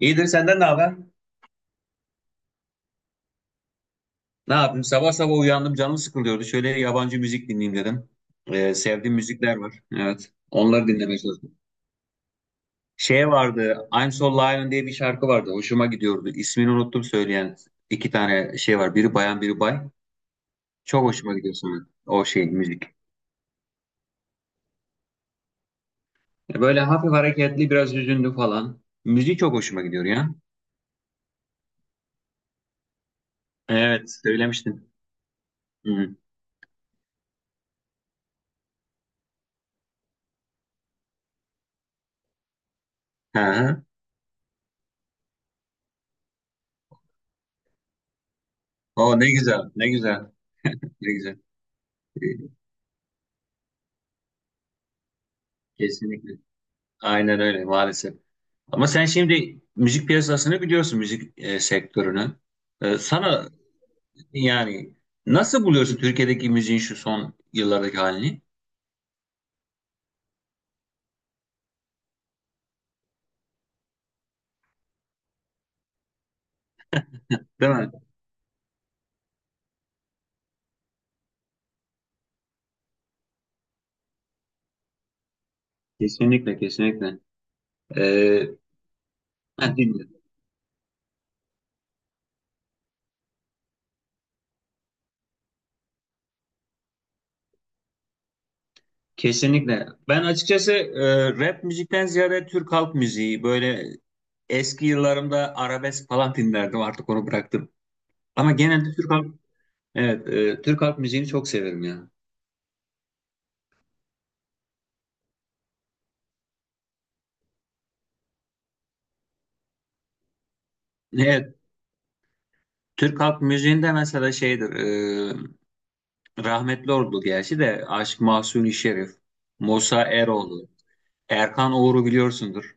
İyidir senden ne haber? Ne yapayım? Sabah sabah uyandım canım sıkılıyordu. Şöyle yabancı müzik dinleyeyim dedim. Sevdiğim müzikler var. Evet. Onları dinlemeye çalıştım. Şey vardı. I'm So Lion diye bir şarkı vardı. Hoşuma gidiyordu. İsmini unuttum söyleyen iki tane şey var. Biri bayan biri bay. Çok hoşuma gidiyor sonra o şey müzik. Böyle hafif hareketli biraz hüzünlü falan. Müziği çok hoşuma gidiyor ya. Evet söylemiştin. Hı. Ha. O ne güzel ne güzel ne güzel. Kesinlikle. Aynen öyle maalesef. Ama sen şimdi müzik piyasasını biliyorsun, müzik sektörünü. Sana yani nasıl buluyorsun Türkiye'deki müziğin şu son yıllardaki halini? Değil mi? Kesinlikle, kesinlikle. E, Ben dinliyorum. Kesinlikle. Ben açıkçası rap müzikten ziyade Türk halk müziği, böyle eski yıllarımda arabesk falan dinlerdim, artık onu bıraktım. Ama genelde evet, Türk halk müziğini çok severim ya. Evet, Türk halk müziğinde mesela şeydir, e, rahmetli oldu gerçi de Aşık Mahzuni Şerif, Musa Eroğlu, Erkan Oğur'u biliyorsundur.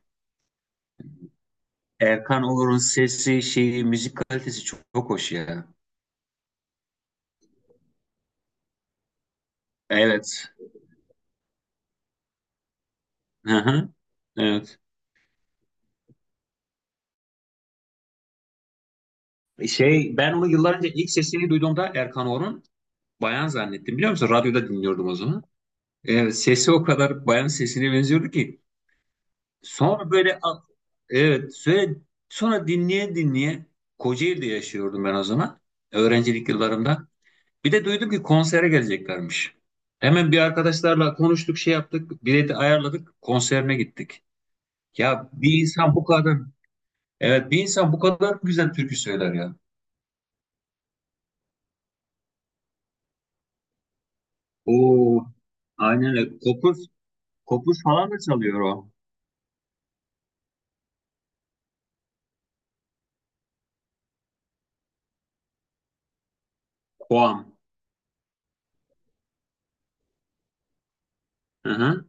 Erkan Oğur'un sesi, şeyi, müzik kalitesi çok, çok hoş ya. Evet. Hı hı. Evet. Şey, ben onu yıllar önce ilk sesini duyduğumda Erkan Oğur'un bayan zannettim biliyor musun? Radyoda dinliyordum o zaman. Evet, sesi o kadar bayan sesine benziyordu ki. Sonra böyle a- evet, sonra dinleye dinleye Kocaeli'de yaşıyordum ben o zaman. Öğrencilik yıllarımda. Bir de duydum ki konsere geleceklermiş. Hemen bir arkadaşlarla konuştuk, şey yaptık, bileti ayarladık, konserine gittik. Ya bir insan bu kadar, evet bir insan bu kadar güzel türkü söyler ya. Oo, aynen öyle. Kopuz falan da çalıyor o. Koam. Hı hı,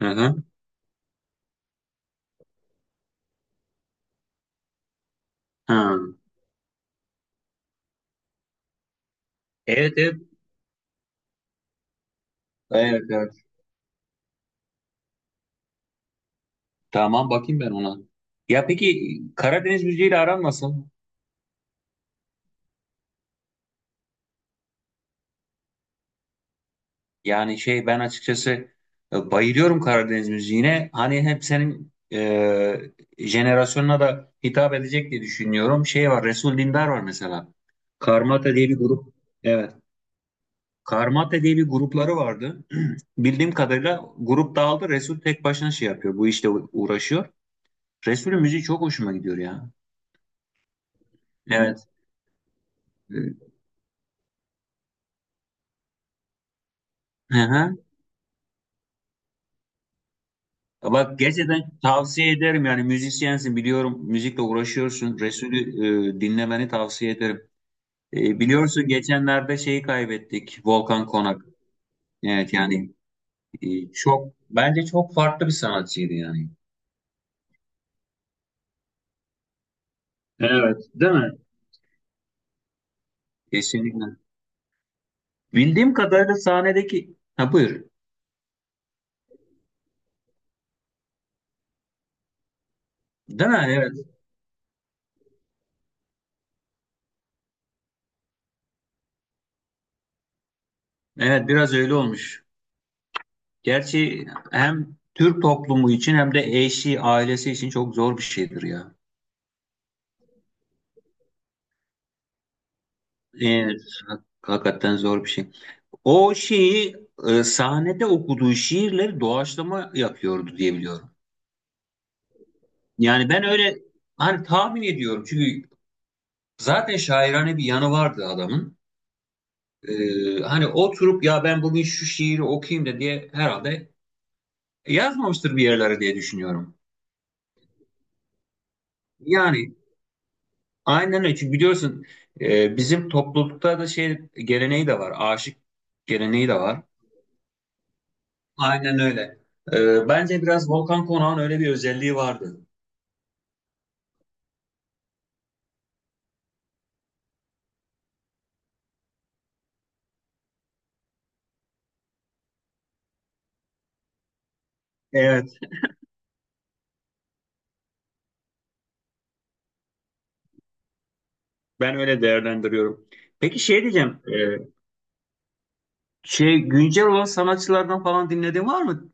hı hı. Hı. Evet, evet, evet, evet. Tamam bakayım ben ona. Ya peki Karadeniz müziğiyle aran nasıl? Yani şey ben açıkçası bayılıyorum Karadeniz müziğine. Hani hep senin jenerasyonuna da hitap edecek diye düşünüyorum. Şey var Resul Dindar var mesela. Karmata diye bir grup. Evet. Karmata diye bir grupları vardı. Bildiğim kadarıyla grup dağıldı. Resul tek başına şey yapıyor. Uğraşıyor. Resul'ün müziği çok hoşuma gidiyor ya. Evet. Hı hı. Bak gerçekten tavsiye ederim yani müzisyensin biliyorum müzikle uğraşıyorsun. Resul'ü dinlemeni tavsiye ederim. Biliyorsun geçenlerde şeyi kaybettik Volkan Konak. Evet yani çok bence çok farklı bir sanatçıydı yani. Evet, değil mi? Kesinlikle. Bildiğim kadarıyla sahnedeki ha buyur. Değil mi? Evet. Evet biraz öyle olmuş. Gerçi hem Türk toplumu için hem de eşi, ailesi için çok zor bir şeydir ya. Evet. Hakikaten zor bir şey. O şeyi sahnede okuduğu şiirleri doğaçlama yapıyordu diye biliyorum. Yani ben öyle hani tahmin ediyorum çünkü zaten şairane bir yanı vardı adamın. Hani oturup ya ben bugün şu şiiri okuyayım da diye herhalde yazmamıştır bir yerlere diye düşünüyorum. Yani aynen öyle çünkü biliyorsun bizim toplulukta da şey geleneği de var aşık geleneği de var. Aynen öyle. Bence biraz Volkan Konak'ın öyle bir özelliği vardı. Evet, ben öyle değerlendiriyorum. Peki şey diyeceğim, şey güncel olan sanatçılardan falan dinlediğin var mı?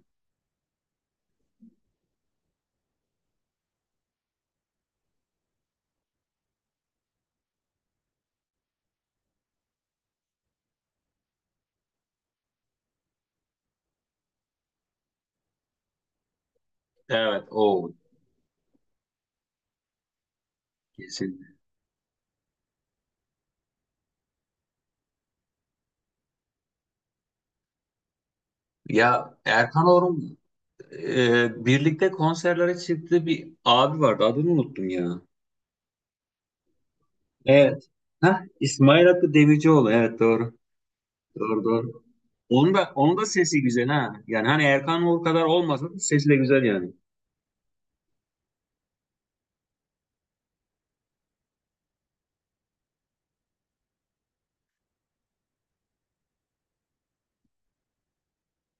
Evet, o kesin. Ya Erkan Orum birlikte konserlere çıktığı bir abi vardı. Adını unuttum ya. Evet. Heh, İsmail Hakkı Demircioğlu. Evet doğru. Doğru doğru. Onun da sesi güzel ha. Yani hani Erkan Oğur kadar olmasa da sesi de güzel yani.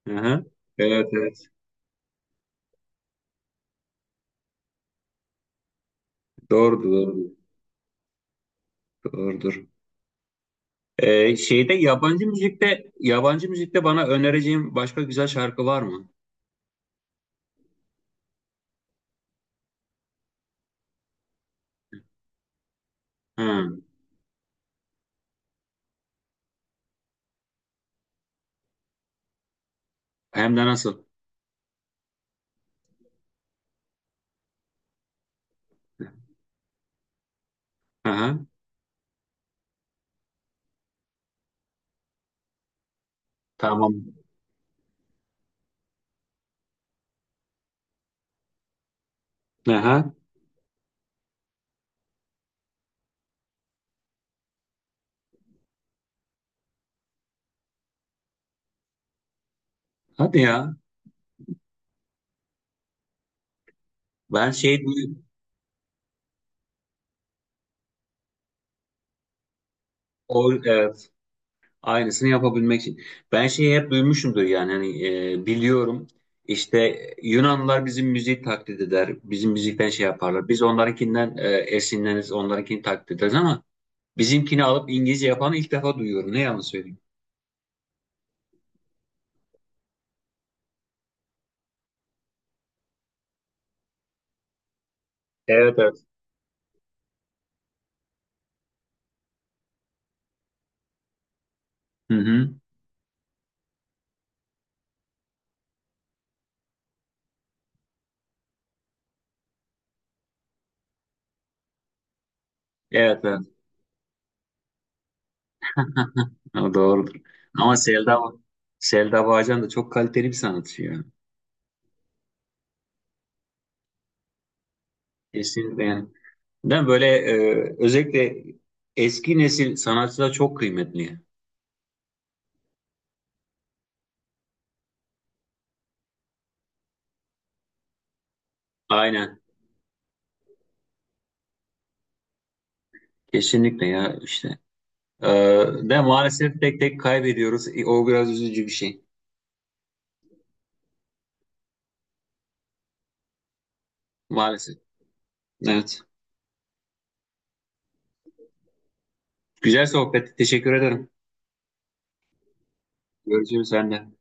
Hı-hı. Evet evet. Doğrudur doğrudur. Doğrudur. Şeyde yabancı müzikte bana önereceğin başka güzel şarkı var mı? Hı. Hem de nasıl? Aha, tamam. Aha, hadi ya. Ben o, evet, aynısını yapabilmek için. Ben şeyi hep duymuşumdur yani hani biliyorum işte Yunanlılar bizim müziği taklit eder. Bizim müzikten şey yaparlar. Biz onlarınkinden esinleniriz, onlarınkini taklit ederiz ama bizimkini alıp İngilizce yapanı ilk defa duyuyorum. Ne yalan söyleyeyim. Evet evet. Hı hı. Evet evet. Ha, doğrudur. Ama Selda Bağcan da çok kaliteli bir sanatçı ya. Kesinlikle yani. Değil mi? Böyle özellikle eski nesil sanatçılar çok kıymetli. Aynen. Kesinlikle ya işte. E, De maalesef tek tek kaybediyoruz. O biraz üzücü bir şey. Maalesef. Evet. Güzel sohbet. Teşekkür ederim. Görüşürüz sen de.